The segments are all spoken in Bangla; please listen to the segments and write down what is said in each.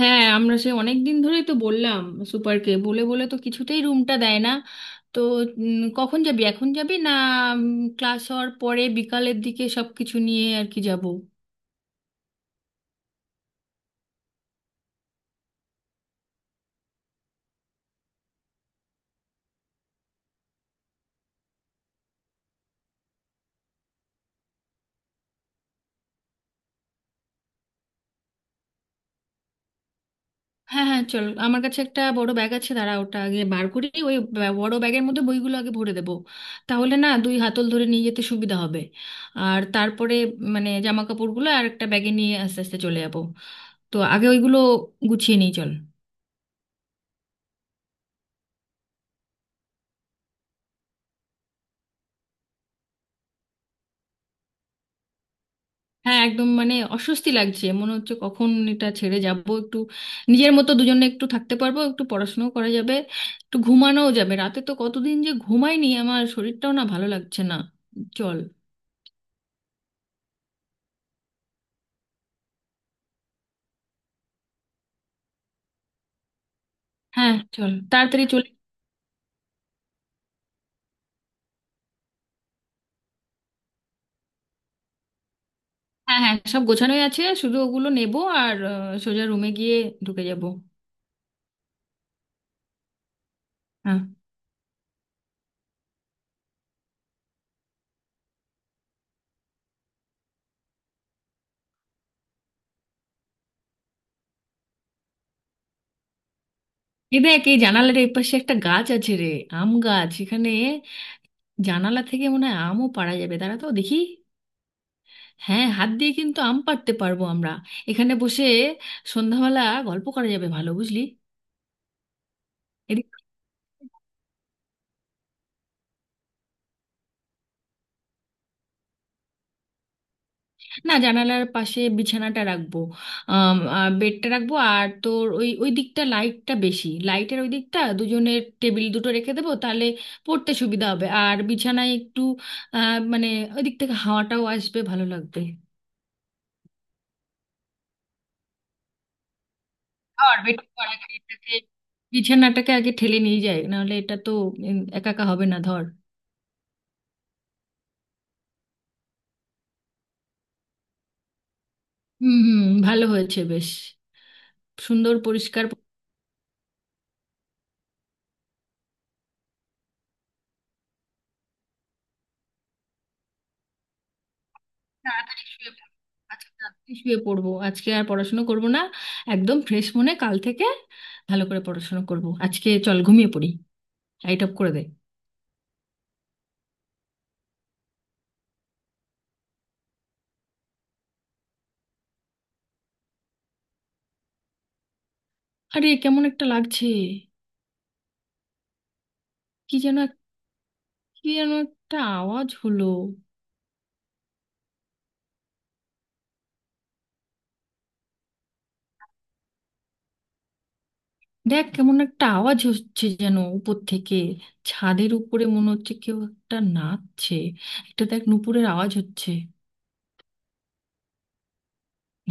হ্যাঁ, আমরা সে অনেক দিন ধরেই তো বললাম। সুপারকে বলে বলে তো কিছুতেই রুমটা দেয় না। তো কখন যাবি? এখন যাবি না, ক্লাস হওয়ার পরে বিকালের দিকে সব কিছু নিয়ে আর কি যাব। হ্যাঁ হ্যাঁ চল, আমার কাছে একটা বড় ব্যাগ আছে। দাঁড়া, ওটা আগে বার করি। ওই বড় ব্যাগের মধ্যে বইগুলো আগে ভরে দেবো, তাহলে না দুই হাতল ধরে নিয়ে যেতে সুবিধা হবে। আর তারপরে মানে জামা কাপড়গুলো আর একটা ব্যাগে নিয়ে আস্তে আস্তে চলে যাব। তো আগে ওইগুলো গুছিয়ে নিই, চল। হ্যাঁ একদম, মানে অস্বস্তি লাগছে, মনে হচ্ছে কখন এটা ছেড়ে যাব। একটু নিজের মতো দুজনে একটু থাকতে পারবো, একটু পড়াশোনাও করা যাবে, একটু ঘুমানোও যাবে। রাতে তো কতদিন যে ঘুমাইনি, আমার শরীরটাও না ভালো লাগছে না। চল। হ্যাঁ চল তাড়াতাড়ি চলে। হ্যাঁ হ্যাঁ, সব গোছানোই আছে, শুধু ওগুলো নেবো আর সোজা রুমে গিয়ে ঢুকে যাব। হ্যাঁ। এই দেখ, এই জানালার এই পাশে একটা গাছ আছে রে, আম গাছ। এখানে জানালা থেকে মনে হয় আমও পাড়া যাবে, দাঁড়া তো দেখি। হ্যাঁ, হাত দিয়ে কিন্তু আম পাড়তে পারবো আমরা। এখানে বসে সন্ধ্যাবেলা গল্প করা যাবে ভালো, বুঝলি। এদিক- না, জানালার পাশে বিছানাটা রাখবো। আর বেডটা রাখবো, আর তোর ওই ওই দিকটা লাইটটা বেশি, লাইটের ওই দিকটা দুজনের টেবিল দুটো রেখে দেবো, তাহলে পড়তে সুবিধা হবে। আর বিছানায় একটু মানে ওই দিক থেকে হাওয়াটাও আসবে, ভালো লাগবে। আর এটাকে, বিছানাটাকে আগে ঠেলে নিয়ে যায়, নাহলে এটা তো একা একা হবে না, ধর। হুম হুম, ভালো হয়েছে বেশ। সুন্দর পরিষ্কার। তাড়াতাড়ি শুয়ে পড়বো, আজকে তাড়াতাড়ি শুয়ে পড়বো। আজকে আর পড়াশোনা করব না, একদম ফ্রেশ মনে কাল থেকে ভালো করে পড়াশোনা করব। আজকে চল ঘুমিয়ে পড়ি, লাইট অফ করে দে। আরে কেমন একটা লাগছে। কি যেন এক- কি যেন একটা আওয়াজ হলো। দেখ, কেমন একটা আওয়াজ হচ্ছে যেন উপর থেকে। ছাদের উপরে মনে হচ্ছে কেউ একটা নাচছে। একটা দেখ, নুপুরের আওয়াজ হচ্ছে।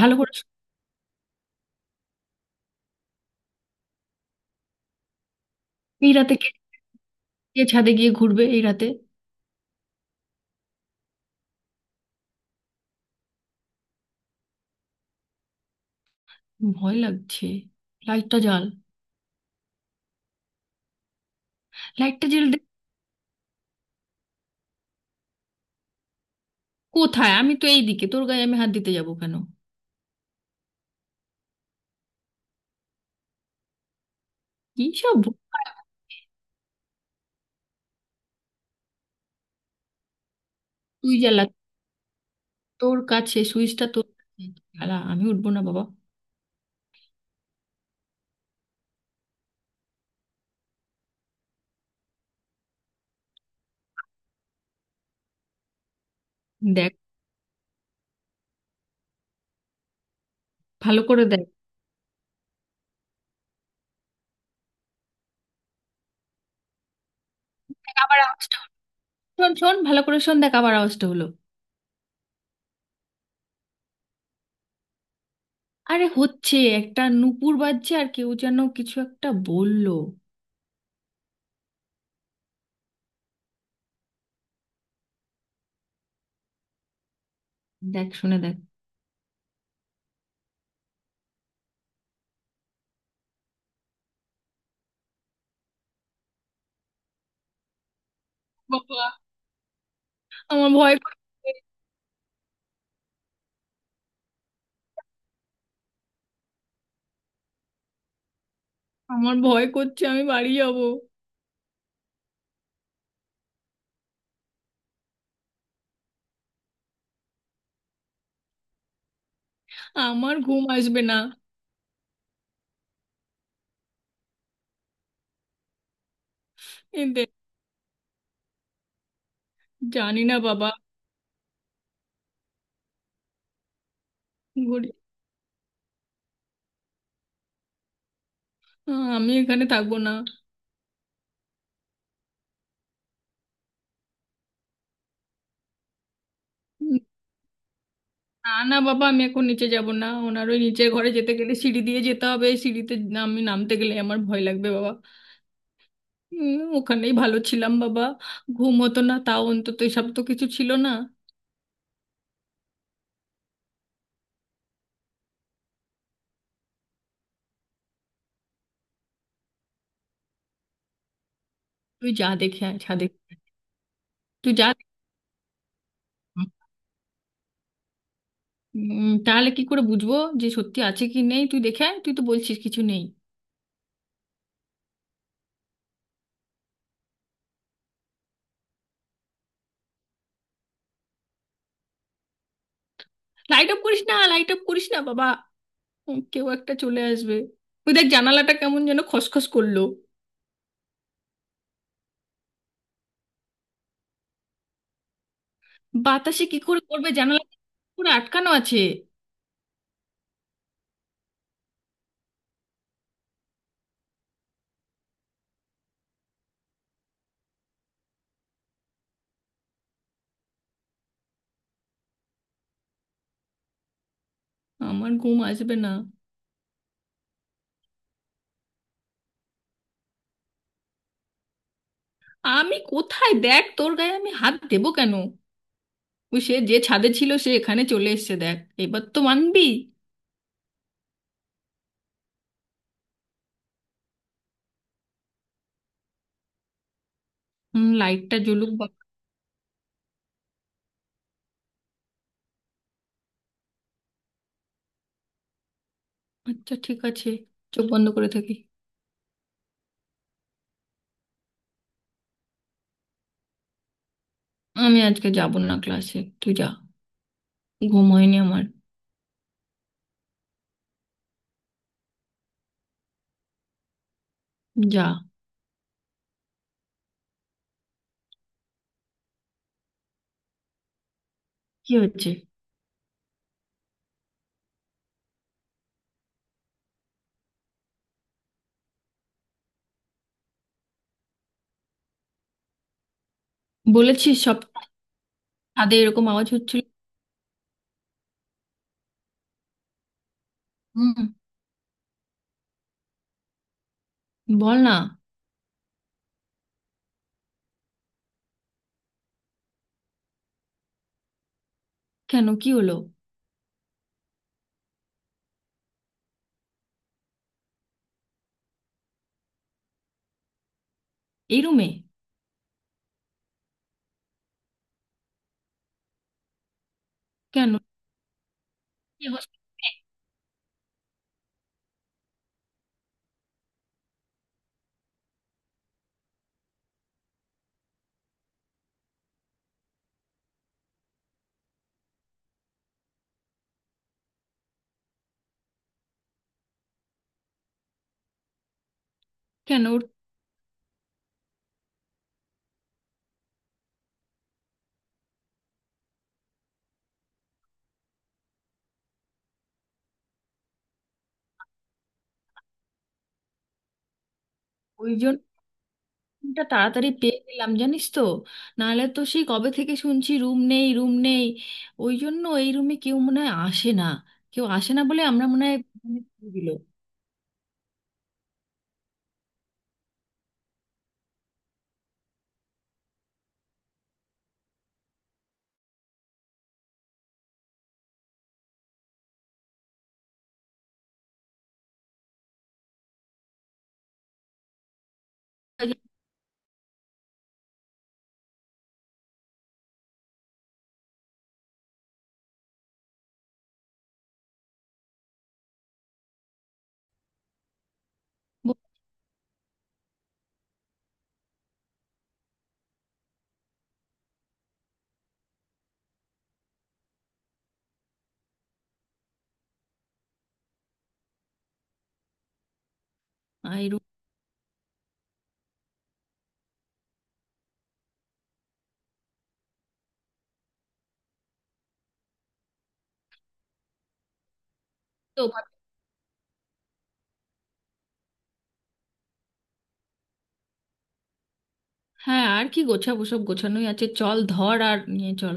ভালো করে শু- এই রাতে কে, কে ছাদে গিয়ে ঘুরবে এই রাতে? ভয় লাগছে, লাইটটা জ্বাল। লাইটটা জ্বেলে দেখ। কোথায়, আমি তো এইদিকে, তোর গায়ে আমি হাত দিতে যাবো কেন? কি সব বোকা। তুই জ্বালা, তোর কাছে সুইচটা, তোর কাছে। জ্বালা, আমি উঠবো না বাবা। দেখ, ভালো করে দেখ। দেখ, আবার আওয়াজটা হলো। শোন শোন, ভালো করে শোন, দেখ আবার আওয়াজটা হলো। আরে হচ্ছে, একটা নুপুর বাজছে, আর কেউ যেন কিছু একটা বললো। দেখ, শুনে দেখ। বাবা, আমার ভয় করছে। আমার ভয় করছে, আমি বাড়ি যাব। আমার ঘুম আসবে না। এ দেখ। জানি না বাবা। ঘুরি। আমি এখানে থাকবো না। না না বাবা, আমি এখন নিচে যাব না, ওনার ওই নিচের ঘরে যেতে গেলে সিঁড়ি দিয়ে যেতে হবে, এই সিঁড়িতে আমি নামতে গেলে আমার ভয় লাগবে বাবা। ওখানেই ভালো ছিলাম বাবা, ঘুম হতো না তাও অন্তত এসব তো কিছু ছিল না। তুই যা দেখে আয় ছাদে। তুই যা দেখে আয়। তাহলে কি করে বুঝবো যে সত্যি আছে কি নেই? তুই দেখে আয়, তুই তো বলছিস কিছু নেই। লাইট অফ করিস না, লাইট অফ করিস না বাবা। কেউ একটা চলে আসবে। তুই দেখ, জানালাটা কেমন যেন খসখস করলো। বাতাসে কি করে করবে জানালা? পুরো আটকানো আছে। আমার ঘুম আসবে না। আমি কোথায়, দেখ, তোর গায়ে আমি হাত দেবো কেন? ওই সে যে ছাদে ছিল, সে এখানে চলে এসেছে দেখ, এবার তো মানবি। হুম, লাইটটা জ্বলুক বা। আচ্ছা ঠিক আছে, চোখ বন্ধ করে থাকি। আমি আজকে যাব না ক্লাসে, তুই যা। ঘুম হয়নি আমার। যা। কি হচ্ছে? বলেছিস সব, ছাদে এরকম আওয়াজ হচ্ছিল? হুম। বল না। কেন, কি হলো? এই রুমে? কেন, কি হস- কেন ওই জন্য রুমটা তাড়াতাড়ি পেয়ে গেলাম জানিস তো, নাহলে তো সেই কবে থেকে শুনছি রুম নেই রুম নেই। ওই জন্য এই রুমে কেউ মনে হয় আসে না, কেউ আসে না বলে আমরা মনে হয় দিল এই রুম তো। হ্যাঁ, আর কি গোছাবো, সব গোছানোই আছে, চল ধর আর নিয়ে চল।